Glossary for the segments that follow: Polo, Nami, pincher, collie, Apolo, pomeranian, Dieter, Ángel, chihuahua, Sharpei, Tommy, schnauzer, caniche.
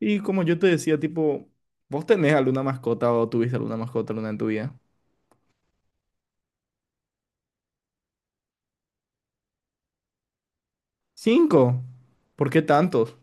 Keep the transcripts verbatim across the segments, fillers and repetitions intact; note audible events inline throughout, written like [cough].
Y como yo te decía, tipo, ¿vos tenés alguna mascota o tuviste alguna mascota alguna en tu vida? Cinco. ¿Por qué tantos?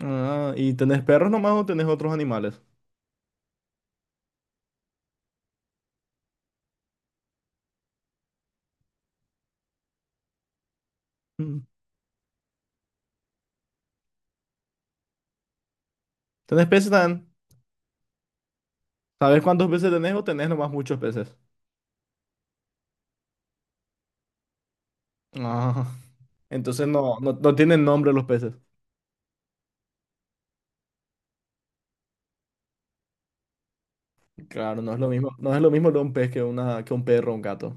Ah, ¿y tenés perros nomás o tenés otros animales? Mm. ¿Tenés peces también? ¿Sabés cuántos peces tenés o tenés nomás muchos peces? Ah, entonces no, no, no tienen nombre los peces. Claro, no es lo mismo, no es lo mismo de un pez que una, que un perro o un gato.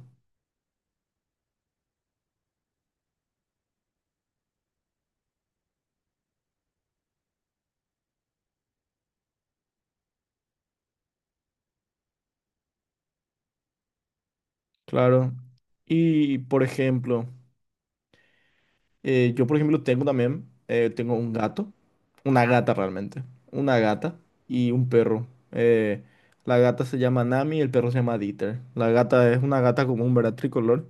Claro. Y, por ejemplo, Eh, yo, por ejemplo, tengo también, eh, tengo un gato, una gata realmente, una gata y un perro. Eh, la gata se llama Nami y el perro se llama Dieter. La gata es una gata común, ¿verdad? Tricolor.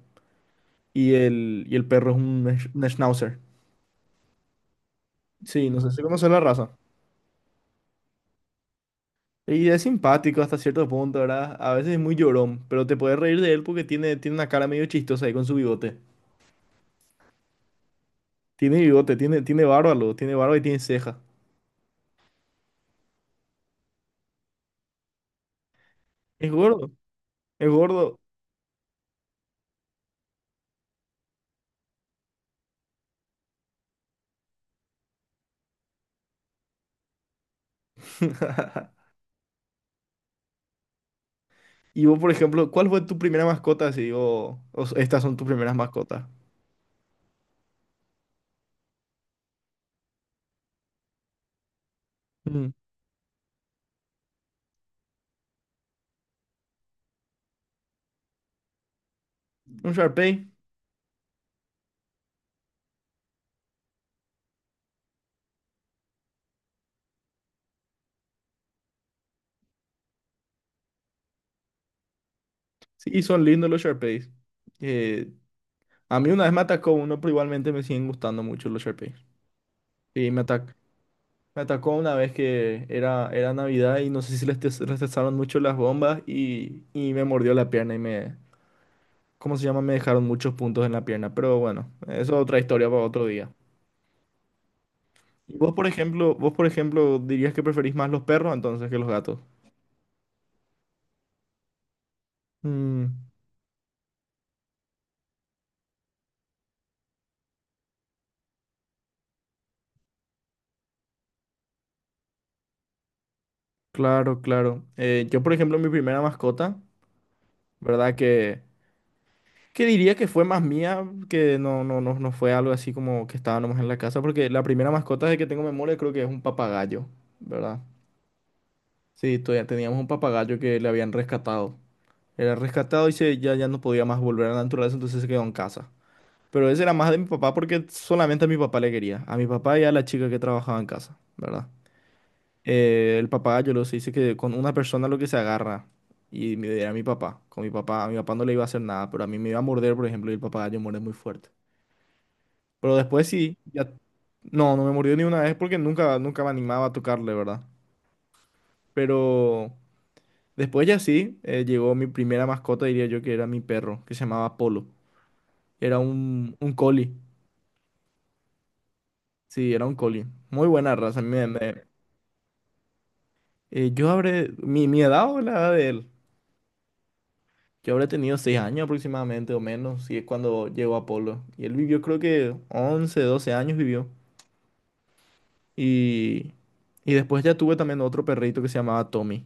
Y el, y el perro es un, sch- un schnauzer. Sí, no sé si conoces la raza. Y es simpático hasta cierto punto, ¿verdad? A veces es muy llorón, pero te puedes reír de él porque tiene, tiene una cara medio chistosa ahí con su bigote. Tiene bigote, tiene, tiene barba, luego, tiene barba y tiene ceja. Es gordo, es gordo. [laughs] Y vos, por ejemplo, ¿cuál fue tu primera mascota? Si digo, o s- estas son tus primeras mascotas. Mm, Un Sharpei. Sí, son lindos los Sharpeis. Eh, a mí una vez me atacó uno, pero igualmente me siguen gustando mucho los Sharpeis. Sí, me atacó me atacó una vez que era, era Navidad y no sé si les, tes- les testaron mucho las bombas y, y me mordió la pierna y me, ¿cómo se llama? Me dejaron muchos puntos en la pierna. Pero bueno, eso es otra historia para otro día. ¿Y vos, por ejemplo, vos, por ejemplo, dirías que preferís más los perros entonces que los gatos? Mm. Claro, claro. Eh, yo, por ejemplo, mi primera mascota, ¿verdad? Que, que diría que fue más mía, que no, no, no, no fue algo así como que estaba nomás en la casa, porque la primera mascota de que tengo memoria creo que es un papagayo, ¿verdad? Sí, todavía teníamos un papagayo que le habían rescatado. Era rescatado y se, ya, ya no podía más volver a la naturaleza, entonces se quedó en casa. Pero ese era más de mi papá porque solamente a mi papá le quería, a mi papá y a la chica que trabajaba en casa, ¿verdad? Eh, el papá, yo lo sé, dice que con una persona lo que se agarra. Y me- era mi papá. Con mi papá, a mi papá no le iba a hacer nada, pero a mí me iba a morder, por ejemplo, y el papá yo muerde muy fuerte. Pero después sí, ya. No, no me mordió ni una vez porque nunca, nunca me animaba a tocarle, ¿verdad? Pero después ya sí, eh, llegó mi primera mascota, diría yo, que era mi perro, que se llamaba Polo. Era un, un collie. Sí, era un collie. Muy buena raza. A mí me- me- eh, yo habré. ¿Mi, mi edad o la edad de él? Yo habré tenido seis años aproximadamente o menos, si es cuando llegó Apolo. Y él vivió creo que once doce años vivió. Y, y después ya tuve también otro perrito que se llamaba Tommy,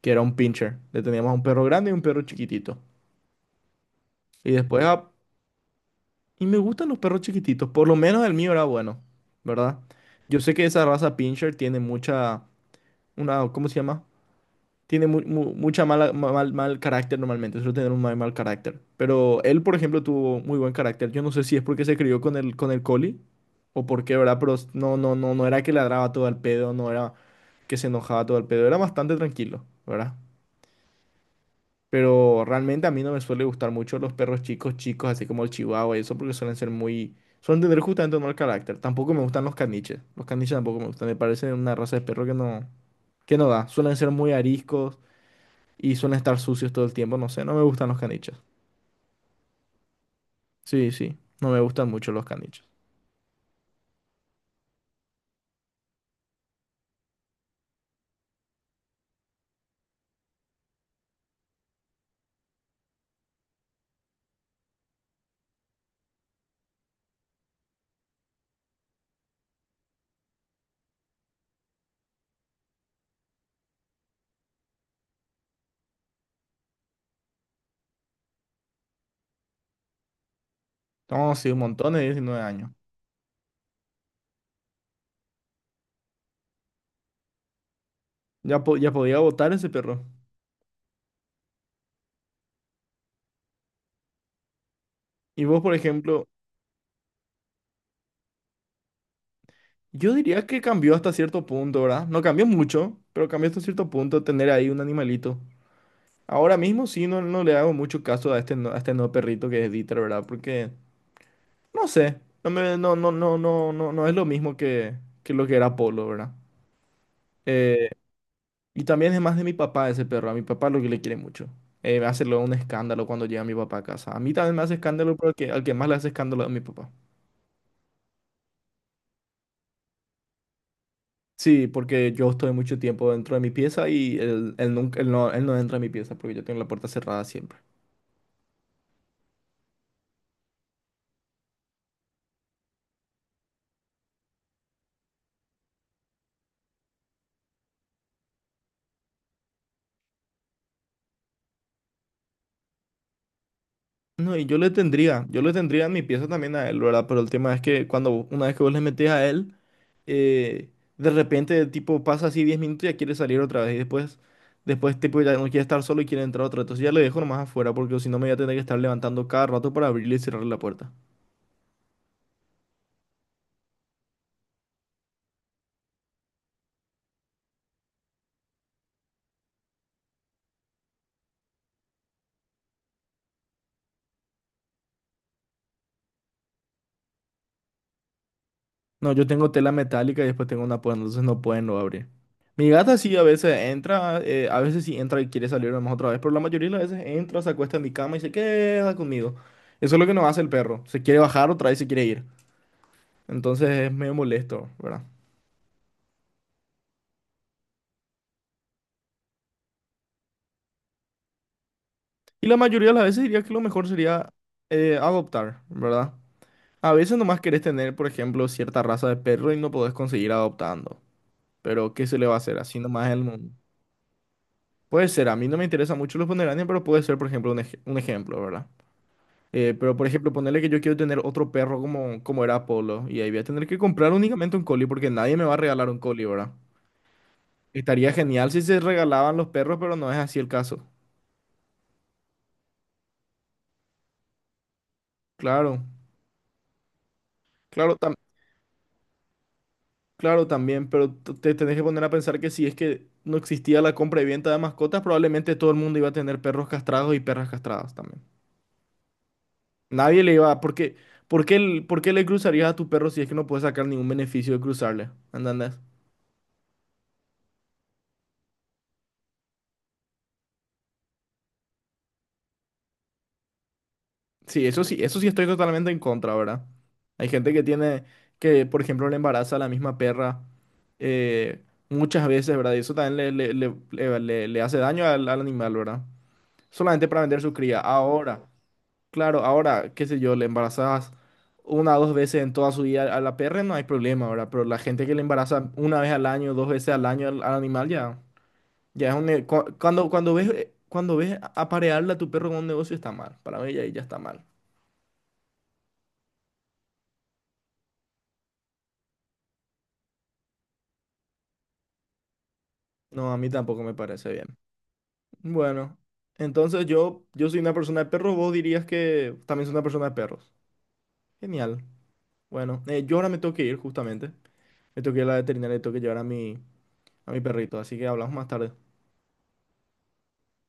que era un pincher. Le teníamos un perro grande y un perro chiquitito. Y después, a- y me gustan los perros chiquititos, por lo menos el mío era bueno, ¿verdad? Yo sé que esa raza pincher tiene mucha. Una, ¿cómo se llama? Tiene mu- mu- mucha mala, ma- mal, mal carácter normalmente, suele tener un mal, mal carácter. Pero él, por ejemplo, tuvo muy buen carácter. Yo no sé si es porque se crió con el, con el collie o por qué, ¿verdad? Pero s- no, no, no, no era que ladraba todo al pedo, no era que se enojaba todo al pedo, era bastante tranquilo, ¿verdad? Pero realmente a mí no me suele gustar mucho los perros chicos, chicos, así como el chihuahua y eso, porque suelen ser muy. Suelen tener justamente un mal carácter. Tampoco me gustan los caniches. Los caniches tampoco me gustan. Me parecen una raza de perro que no, que no da. Suelen ser muy ariscos y suelen estar sucios todo el tiempo. No sé, no me gustan los caniches. Sí, sí, no me gustan mucho los caniches. No, sí, un montón de diecinueve años. Ya, po- ya podía votar ese perro. Y vos, por ejemplo, yo diría que cambió hasta cierto punto, ¿verdad? No cambió mucho, pero cambió hasta cierto punto tener ahí un animalito. Ahora mismo sí, no, no le hago mucho caso a este, no- a este nuevo perrito que es Dieter, ¿verdad? Porque, no sé, no, me, no, no, no, no, no, no es lo mismo que, que lo que era Polo, ¿verdad? Eh, Y también es más de mi papá ese perro. A mi papá lo que le quiere mucho. Eh, me hace luego un escándalo cuando llega mi papá a casa. A mí también me hace escándalo, pero al que, al que más le hace escándalo es a mi papá. Sí, porque yo estoy mucho tiempo dentro de mi pieza y él, él nunca, él no, él no entra a mi pieza porque yo tengo la puerta cerrada siempre. No, y yo le tendría, yo le tendría en mi pieza también a él, ¿verdad? Pero el tema es que cuando una vez que vos le metés a él, eh, de repente, tipo, pasa así diez minutos y ya quiere salir otra vez. Y después, después, tipo, ya no quiere estar solo y quiere entrar otra vez. Entonces ya le dejo nomás afuera porque si no me voy a tener que estar levantando cada rato para abrirle y cerrarle la puerta. No, yo tengo tela metálica y después tengo una puerta, entonces no pueden no abrir. Mi gata sí a veces entra, eh, a veces sí entra y quiere salir nomás otra vez, pero la mayoría de las veces entra, se acuesta en mi cama y se queda conmigo. Eso es lo que no hace el perro. Se quiere bajar otra vez y se quiere ir. Entonces es medio molesto, ¿verdad? Y la mayoría de las veces diría que lo mejor sería eh, adoptar, ¿verdad? A veces nomás querés tener, por ejemplo, cierta raza de perro y no podés conseguir adoptando. Pero, ¿qué se le va a hacer? Así nomás el mundo. Puede ser, a mí no me interesa mucho los pomeranian, pero puede ser, por ejemplo, un, ej- un ejemplo, ¿verdad? Eh, pero, por ejemplo, ponerle que yo quiero tener otro perro como, como era Apolo, y ahí voy a tener que comprar únicamente un collie porque nadie me va a regalar un collie, ¿verdad? Estaría genial si se regalaban los perros, pero no es así el caso. Claro, claro, tam- claro, también, pero t- te tenés que poner a pensar que si es que no existía la compra y venta de mascotas, probablemente todo el mundo iba a tener perros castrados y perras castradas también. Nadie le iba a. ¿Por qué, por qué, el- por qué le cruzarías a tu perro si es que no puedes sacar ningún beneficio de cruzarle? ¿Entendés? Sí, eso sí, eso sí estoy totalmente en contra, ¿verdad? Hay gente que tiene, que por ejemplo le embaraza a la misma perra eh, muchas veces, ¿verdad? Y eso también le, le, le- le- le- le hace daño al, al animal, ¿verdad? Solamente para vender su cría. Ahora. Claro, ahora, qué sé yo, le embarazas una o dos veces en toda su vida a la perra, no hay problema, ahora. Pero la gente que le embaraza una vez al año, dos veces al año al, al animal, ya, ya es un, ne- cu- Cuando, cuando ves, eh, cuando ves aparearle a tu perro con un negocio está mal, para mí ya, ya está mal. No, a mí tampoco me parece bien. Bueno, entonces yo, yo soy una persona de perros, vos dirías que también soy una persona de perros. Genial. Bueno, eh, yo ahora me tengo que ir justamente. Me tengo que ir a la veterinaria y tengo que llevar a mi, a mi perrito, así que hablamos más tarde.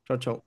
Chao, chao.